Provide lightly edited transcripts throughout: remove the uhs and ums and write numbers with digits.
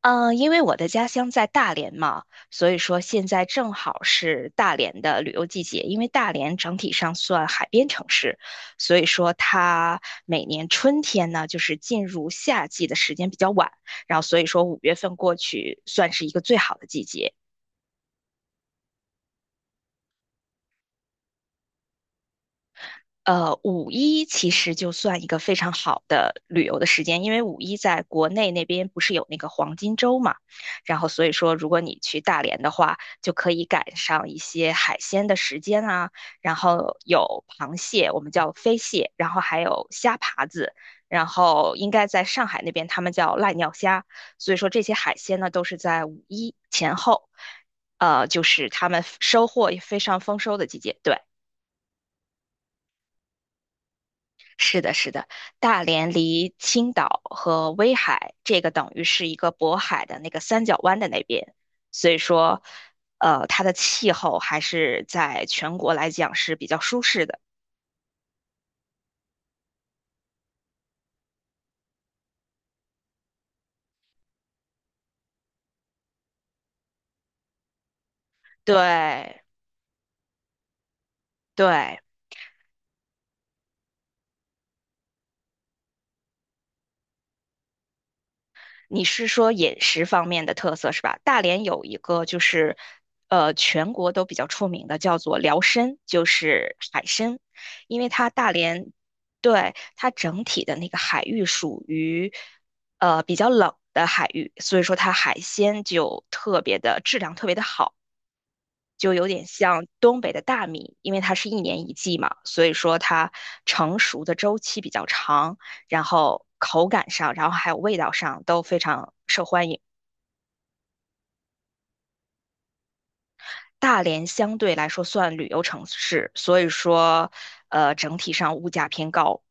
嗯，因为我的家乡在大连嘛，所以说现在正好是大连的旅游季节。因为大连整体上算海边城市，所以说它每年春天呢，就是进入夏季的时间比较晚，然后所以说五月份过去算是一个最好的季节。五一其实就算一个非常好的旅游的时间，因为五一在国内那边不是有那个黄金周嘛，然后所以说如果你去大连的话，就可以赶上一些海鲜的时间啊，然后有螃蟹，我们叫飞蟹，然后还有虾爬子，然后应该在上海那边他们叫濑尿虾，所以说这些海鲜呢都是在五一前后，就是他们收获也非常丰收的季节，对。是的，是的，大连离青岛和威海，这个等于是一个渤海的那个三角湾的那边，所以说，它的气候还是在全国来讲是比较舒适的。对，对，你是说饮食方面的特色是吧？大连有一个就是，全国都比较出名的，叫做辽参，就是海参，因为它大连，对，它整体的那个海域属于，比较冷的海域，所以说它海鲜就特别的质量特别的好。就有点像东北的大米，因为它是一年一季嘛，所以说它成熟的周期比较长，然后口感上，然后还有味道上都非常受欢迎。大连相对来说算旅游城市，所以说，整体上物价偏高。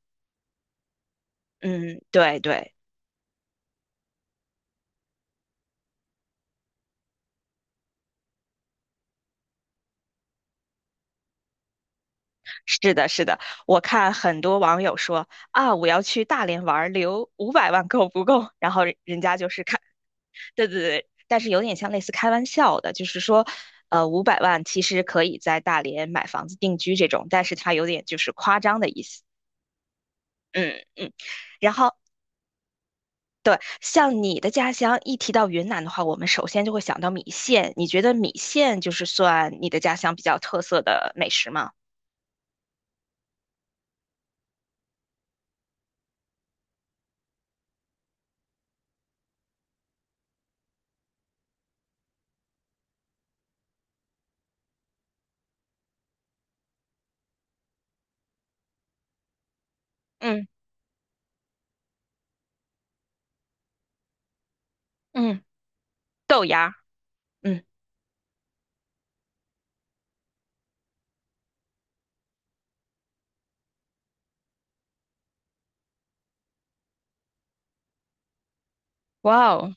嗯，对对，是的，是的。我看很多网友说啊，我要去大连玩儿留五百万够不够？然后人家就是看对对对，但是有点像类似开玩笑的，就是说，五百万其实可以在大连买房子定居这种，但是它有点就是夸张的意思。嗯嗯，然后对，像你的家乡一提到云南的话，我们首先就会想到米线。你觉得米线就是算你的家乡比较特色的美食吗？嗯嗯，豆芽儿，嗯，哇哦，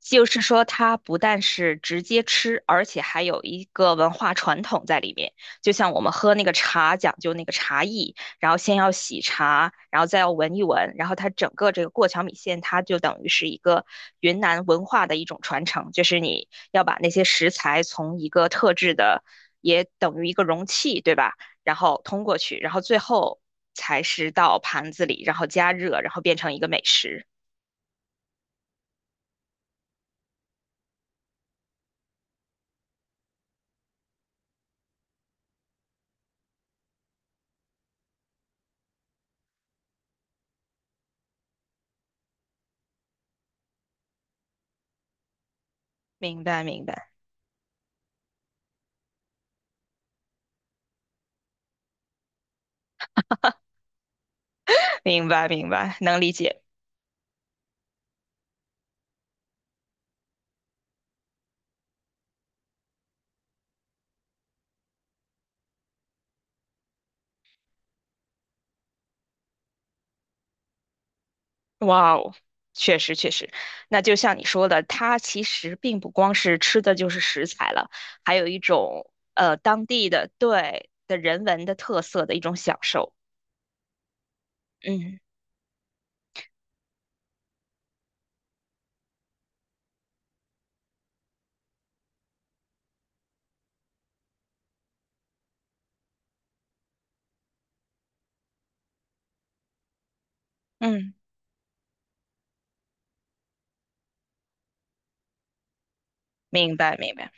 就是说，它不但是直接吃，而且还有一个文化传统在里面。就像我们喝那个茶，讲究那个茶艺，然后先要洗茶，然后再要闻一闻，然后它整个这个过桥米线，它就等于是一个云南文化的一种传承，就是你要把那些食材从一个特制的，也等于一个容器，对吧？然后通过去，然后最后才是到盘子里，然后加热，然后变成一个美食。明白，明白。明白，明白，能理解。哇哦，确实确实，那就像你说的，它其实并不光是吃的就是食材了，还有一种当地的对的人文的特色的一种享受。嗯嗯，明白明白。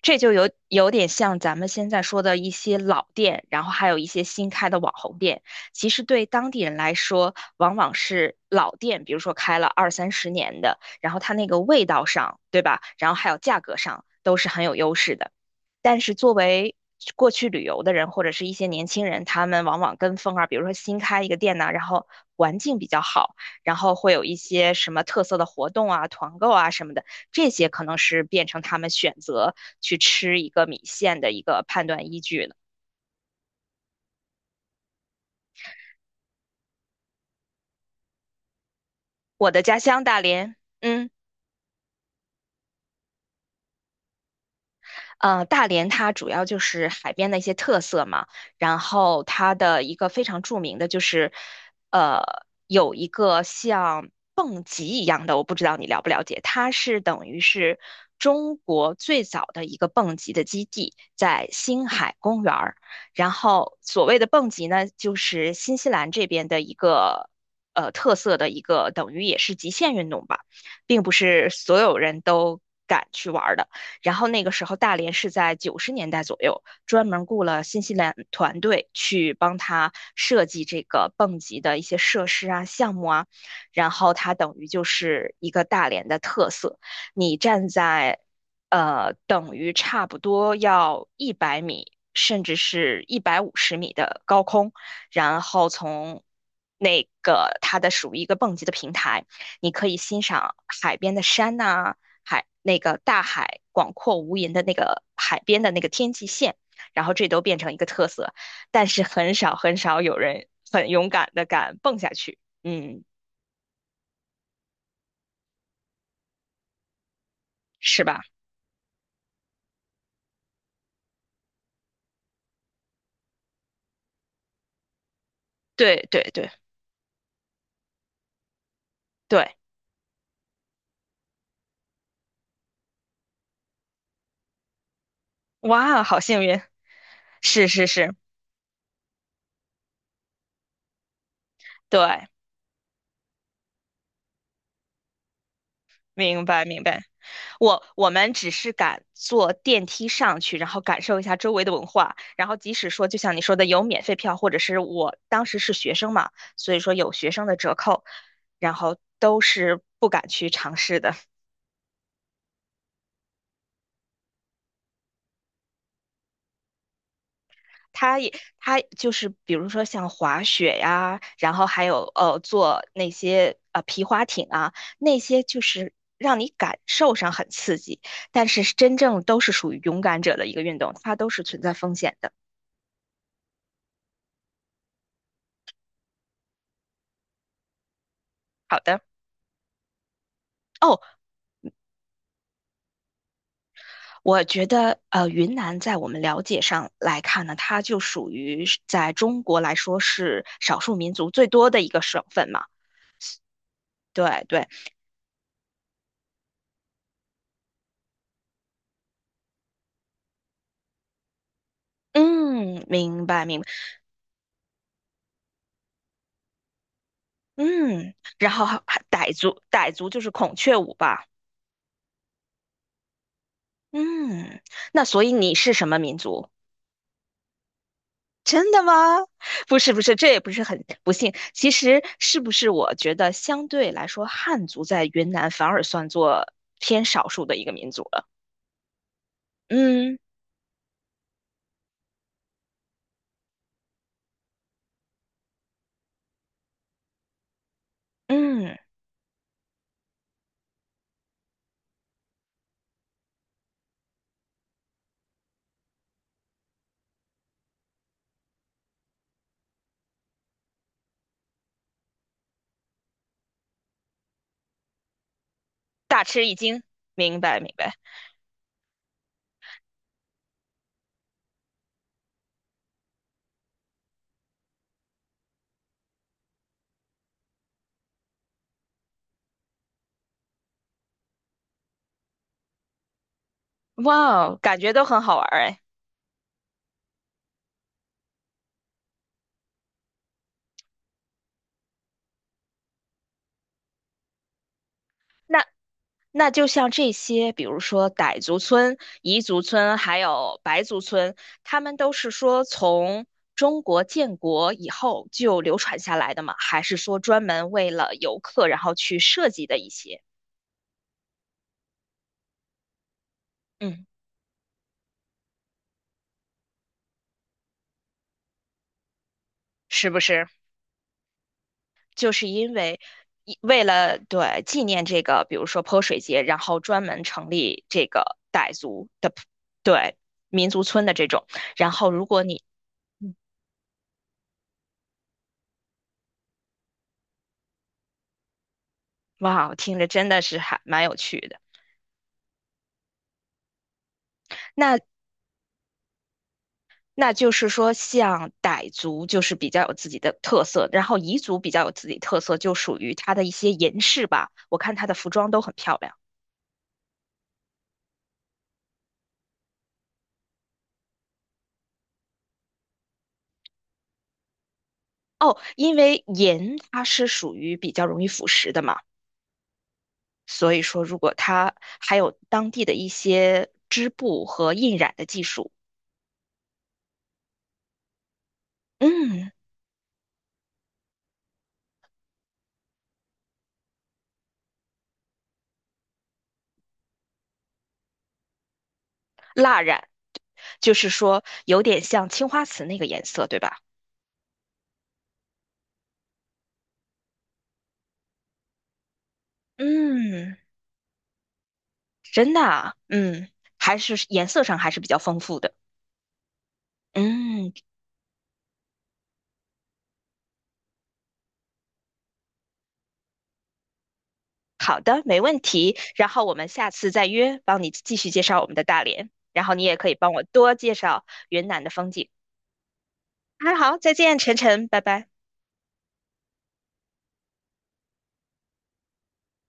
这就有点像咱们现在说的一些老店，然后还有一些新开的网红店。其实对当地人来说，往往是老店，比如说开了二三十年的，然后它那个味道上，对吧？然后还有价格上，都是很有优势的。但是作为过去旅游的人或者是一些年轻人，他们往往跟风啊，比如说新开一个店呐、然后环境比较好，然后会有一些什么特色的活动啊、团购啊什么的，这些可能是变成他们选择去吃一个米线的一个判断依据了。我的家乡大连，嗯。大连它主要就是海边的一些特色嘛，然后它的一个非常著名的就是，呃，有一个像蹦极一样的，我不知道你了不了解，它是等于是中国最早的一个蹦极的基地，在星海公园儿。然后所谓的蹦极呢，就是新西兰这边的一个。特色的一个等于也是极限运动吧，并不是所有人都敢去玩儿的。然后那个时候大连是在90年代左右，专门雇了新西兰团队去帮他设计这个蹦极的一些设施啊、项目啊，然后它等于就是一个大连的特色。你站在等于差不多要100米，甚至是150米的高空，然后从那个它的属于一个蹦极的平台，你可以欣赏海边的山呐、啊海那个大海广阔无垠的那个海边的那个天际线，然后这都变成一个特色，但是很少很少有人很勇敢的敢蹦下去，嗯，是吧？对对对对，哇，好幸运，是是是，对。明白明白。我们只是敢坐电梯上去，然后感受一下周围的文化。然后即使说，就像你说的，有免费票，或者是我当时是学生嘛，所以说有学生的折扣，然后都是不敢去尝试的。他也他就是比如说像滑雪呀，然后还有坐那些皮划艇啊，那些就是让你感受上很刺激，但是真正都是属于勇敢者的一个运动，它都是存在风险的。好的，哦，我觉得云南在我们了解上来看呢，它就属于是在中国来说是少数民族最多的一个省份嘛。对对，嗯，明白明白，嗯，然后还傣族，傣族就是孔雀舞吧，嗯，那所以你是什么民族？真的吗？不是不是，这也不是很不幸。其实是不是我觉得相对来说，汉族在云南反而算作偏少数的一个民族了？嗯。嗯，大吃一惊，明白明白。哇哦，感觉都很好玩儿哎。那那就像这些，比如说傣族村、彝族村，还有白族村，他们都是说从中国建国以后就流传下来的吗？还是说专门为了游客然后去设计的一些？嗯，是不是？就是因为一为了对纪念这个，比如说泼水节，然后专门成立这个傣族的对民族村的这种。然后如果你嗯哇，听着真的是还蛮有趣的。那那就是说，像傣族就是比较有自己的特色，然后彝族比较有自己特色，就属于它的一些银饰吧。我看它的服装都很漂亮。哦，因为银它是属于比较容易腐蚀的嘛。所以说，如果它还有当地的一些织布和印染的技术，嗯，蜡染就是说有点像青花瓷那个颜色，对吧？嗯，真的啊，嗯，还是颜色上还是比较丰富的。嗯，好的，没问题。然后我们下次再约，帮你继续介绍我们的大连，然后你也可以帮我多介绍云南的风景。那好，再见，晨晨，拜拜。